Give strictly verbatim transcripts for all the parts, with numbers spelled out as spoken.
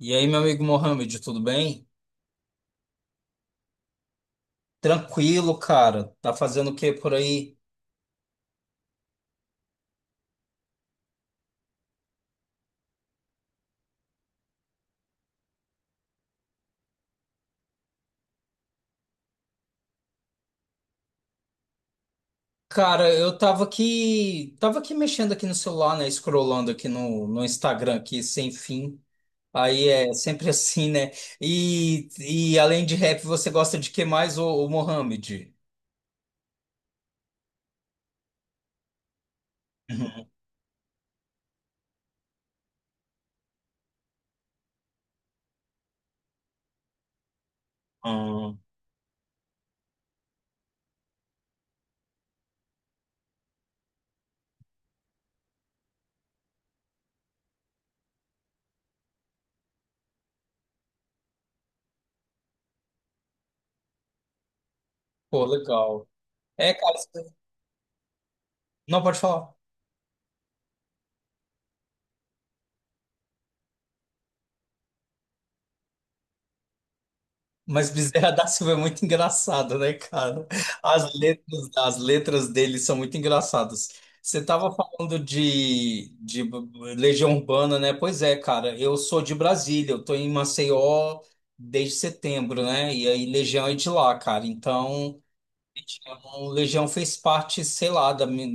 E aí, meu amigo Mohamed, tudo bem? Tranquilo, cara. Tá fazendo o que por aí? Cara, eu tava aqui, tava aqui mexendo aqui no celular, né? Scrollando aqui no, no Instagram aqui, sem fim. Aí é sempre assim, né? E, e além de rap, você gosta de que mais, ô, ô Mohamed? Hum. Pô, legal. É, cara, você- não pode falar. Mas Bezerra da Silva é muito engraçado, né, cara? As letras, as letras dele são muito engraçadas. Você estava falando de, de Legião Urbana, né? Pois é, cara. Eu sou de Brasília, eu tô em Maceió desde setembro, né? E aí Legião é de lá, cara. Então. O Legião fez parte, sei lá, da minha,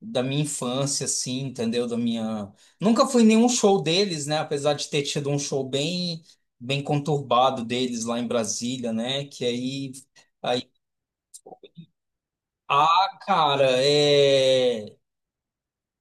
da minha infância, assim, entendeu? Da minha. Nunca fui em nenhum show deles, né? Apesar de ter tido um show bem, bem conturbado deles lá em Brasília, né? Que aí, aí... Ah, cara, é.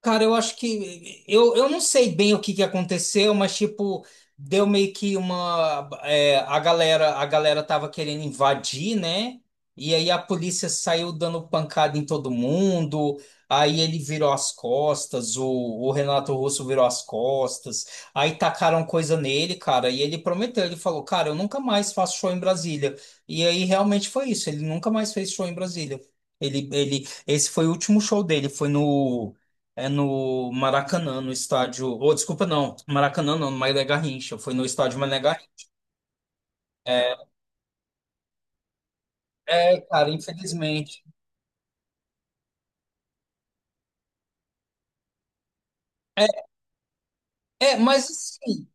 Cara, eu acho que eu, eu não sei bem o que que aconteceu, mas tipo, deu meio que uma é, a galera a galera tava querendo invadir, né? E aí a polícia saiu dando pancada em todo mundo. Aí ele virou as costas, o, o Renato Russo virou as costas. Aí tacaram coisa nele, cara, e ele prometeu, ele falou: "Cara, eu nunca mais faço show em Brasília." E aí realmente foi isso, ele nunca mais fez show em Brasília. Ele, ele, esse foi o último show dele, foi no é no Maracanã, no estádio. Ou, desculpa, não. Maracanã não, no Mané Garrincha. Foi no estádio Mané Garrincha. É, é, cara, infelizmente. É, é, mas assim,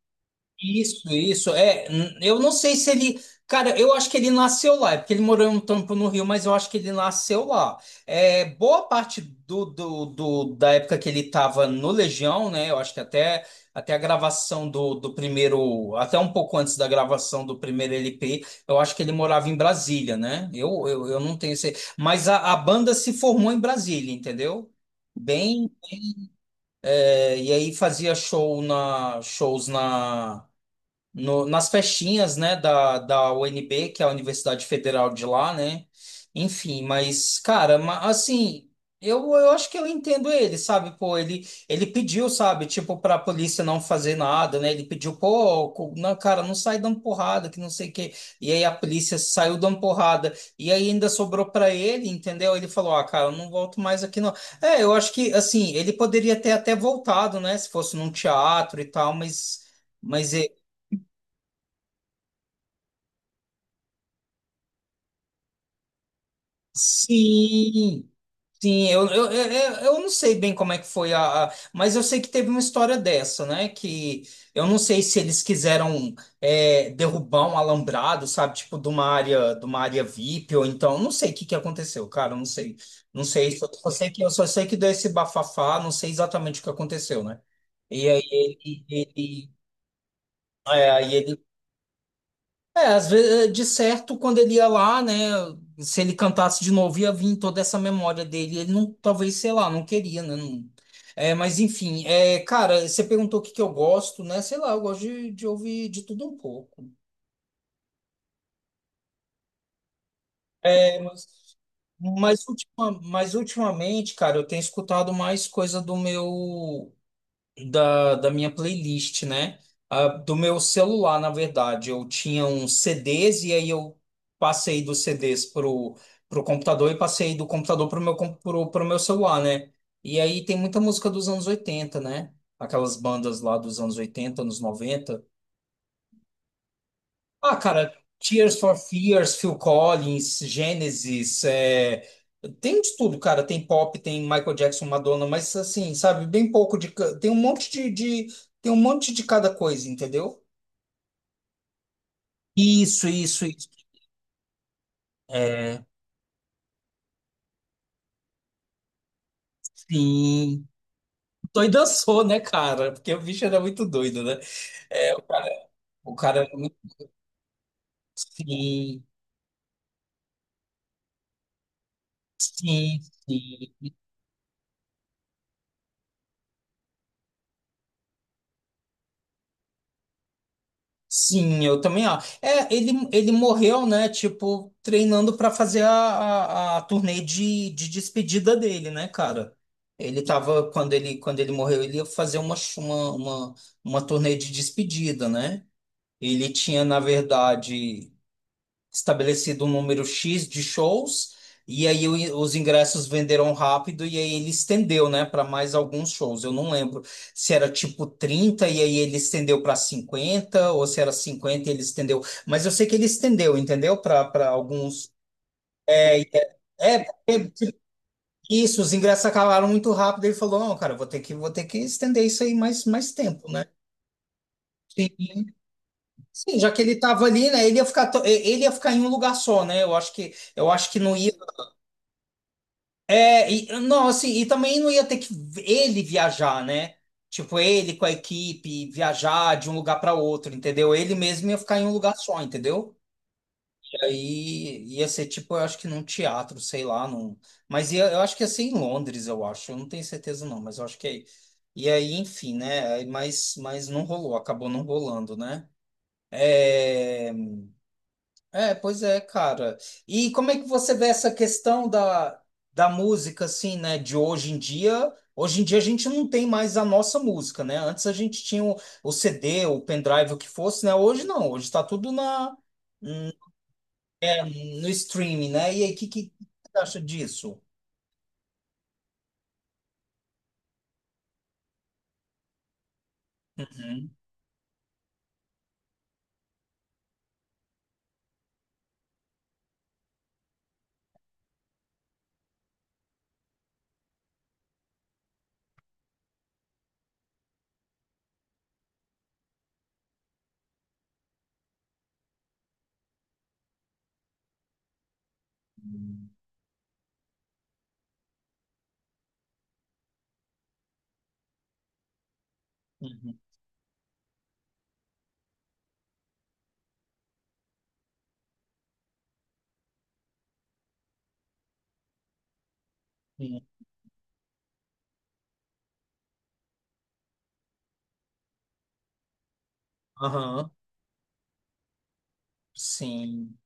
isso, isso. É, n- eu não sei se ele. Cara, eu acho que ele nasceu lá, é porque ele morou um tempo no Rio, mas eu acho que ele nasceu lá. É, boa parte do, do, do- da época que ele estava no Legião, né? Eu acho que até, até a gravação do, do primeiro. Até um pouco antes da gravação do primeiro L P, eu acho que ele morava em Brasília, né? Eu, eu, eu não tenho certeza. Mas a, a banda se formou em Brasília, entendeu? Bem, é, e aí fazia show na, shows na no- nas festinhas, né, da, da U N B, que é a Universidade Federal de lá, né? Enfim, mas, cara, ma- assim, eu, eu acho que eu entendo ele, sabe? Pô, ele, ele pediu, sabe, tipo, pra polícia não fazer nada, né? Ele pediu, pô, co- não, cara, não sai dando porrada, que não sei o quê. E aí a polícia saiu dando porrada. E aí ainda sobrou pra ele, entendeu? Ele falou, ah, cara, eu não volto mais aqui, não. É, eu acho que, assim, ele poderia ter até voltado, né? Se fosse num teatro e tal, mas mas. Sim, sim, eu, eu, eu, eu não sei bem como é que foi a, a- mas eu sei que teve uma história dessa, né? Que eu não sei se eles quiseram é, derrubar um alambrado, sabe? Tipo, de uma área, de uma área vip, ou então, não sei o que que aconteceu, cara, eu não sei. Não sei, só, só sei que, eu só sei que deu esse bafafá, não sei exatamente o que aconteceu, né? E aí ele, ele, é, às vezes, de certo, quando ele ia lá, né, se ele cantasse de novo, ia vir toda essa memória dele. Ele não, talvez, sei lá, não queria, né? não- É, mas enfim, é, cara, você perguntou o que que eu gosto, né? Sei lá, eu gosto de, de ouvir de tudo um pouco. É, mas, mas, ultima- mas ultimamente, cara, eu tenho escutado mais coisa do meu. da, da minha playlist, né? Ah, do meu celular, na verdade. Eu tinha uns C Ds e aí eu passei dos C Ds pro, pro computador e passei do computador pro meu, com- pro, pro meu celular, né? E aí tem muita música dos anos oitenta, né? Aquelas bandas lá dos anos oitenta anos noventa. Ah, cara, Tears for Fears, Phil Collins, Genesis, é, tem de tudo, cara. Tem pop, tem Michael Jackson, Madonna, mas assim, sabe, bem pouco de. ca- Tem um monte de, de- tem um monte de cada coisa, entendeu? Isso, isso, isso. É, sim. Doido dançou, né, cara? Porque o bicho era muito doido, né? É, o cara, o cara era muito. Sim, sim, sim. Sim, eu também acho. É, ele, ele morreu, né? Tipo, treinando para fazer a, a, a turnê de, de despedida dele, né, cara? Ele tava, quando ele, quando ele morreu, ele ia fazer uma, ch- uma, uma, uma turnê de despedida, né? Ele tinha, na verdade estabelecido um número X de shows, e aí o- os ingressos venderam rápido, e aí ele estendeu, né, para mais alguns shows. Eu não lembro se era tipo trinta e aí ele estendeu para cinquenta ou se era cinquenta e ele estendeu. Mas eu sei que ele estendeu, entendeu? Para para alguns. É, isso, os ingressos acabaram muito rápido. Ele falou: não, cara, eu vou ter que, vou ter que estender isso aí mais, mais tempo, né? Sim, sim, já que ele estava ali, né? Ele ia ficar, to- ele ia ficar em um lugar só, né? Eu acho que, eu acho que não ia. É, e, nossa, e também não ia ter que ele viajar, né? Tipo, ele com a equipe viajar de um lugar para outro, entendeu? Ele mesmo ia ficar em um lugar só, entendeu? E aí ia ser tipo, eu acho que num teatro, sei lá, num mas ia, eu acho que ia ser em Londres, eu acho. Eu não tenho certeza não, mas eu acho que é. E aí, enfim, né? Aí, mas, mas não rolou, acabou não rolando, né? É... É, pois é, cara. E como é que você vê essa questão da, da música, assim, né? De hoje em dia. Hoje em dia a gente não tem mais a nossa música, né? Antes a gente tinha o, o C D, o pendrive, o que fosse, né? Hoje não, hoje está tudo na, no streaming, né? E aí, o que, que você acha disso? Uhum. Uhum. Sim. Aham, sim.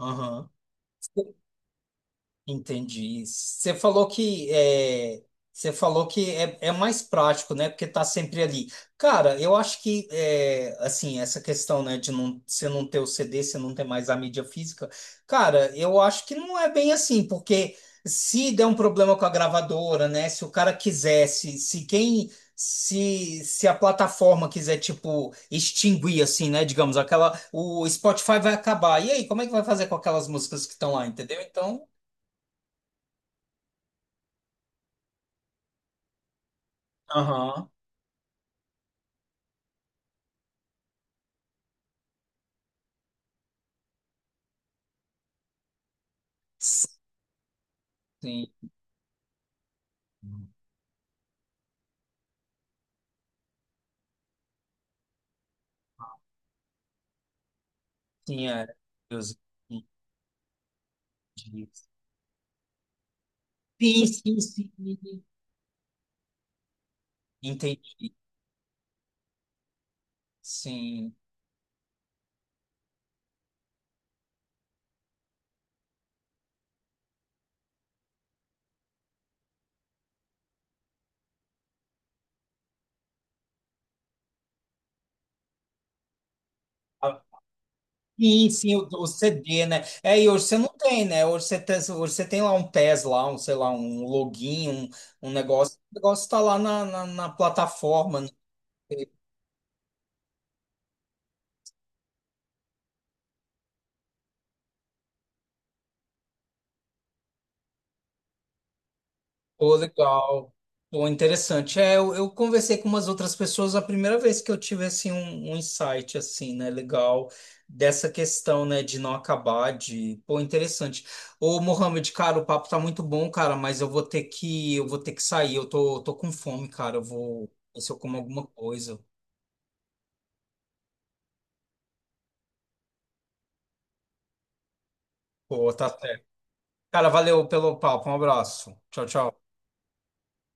Aham. Entendi. Você falou que é, você falou que é, é mais prático, né? Porque tá sempre ali. Cara, eu acho que é, assim, essa questão, né, de não, você não ter o C D, você não ter mais a mídia física, cara, eu acho que não é bem assim, porque se der um problema com a gravadora, né? Se o cara quisesse, se quem Se, se a plataforma quiser, tipo, extinguir, assim, né? Digamos, aquela. O Spotify vai acabar. E aí, como é que vai fazer com aquelas músicas que estão lá, entendeu? Então. Aham. Sim, sim, era. Deus, entendi. Sim, sim, sim. Entendi. Sim. Ah, sim, sim, o, o C D, né? É, e hoje você não tem, né? Hoje você tem, hoje você tem lá um pes, lá, um, sei lá, um login, um, um negócio. O negócio está lá na, na, na plataforma. Pô, legal. Pô, interessante. É, eu, eu conversei com umas outras pessoas a primeira vez que eu tive assim, um, um insight assim, né? Legal, dessa questão, né, de não acabar, de. Pô, interessante. Ô, Mohamed, cara, o papo tá muito bom, cara, mas eu vou ter que, eu vou ter que sair. Eu tô, tô com fome, cara. Eu vou ver se eu como alguma coisa. Pô, tá certo. Cara, valeu pelo papo. Um abraço. Tchau, tchau.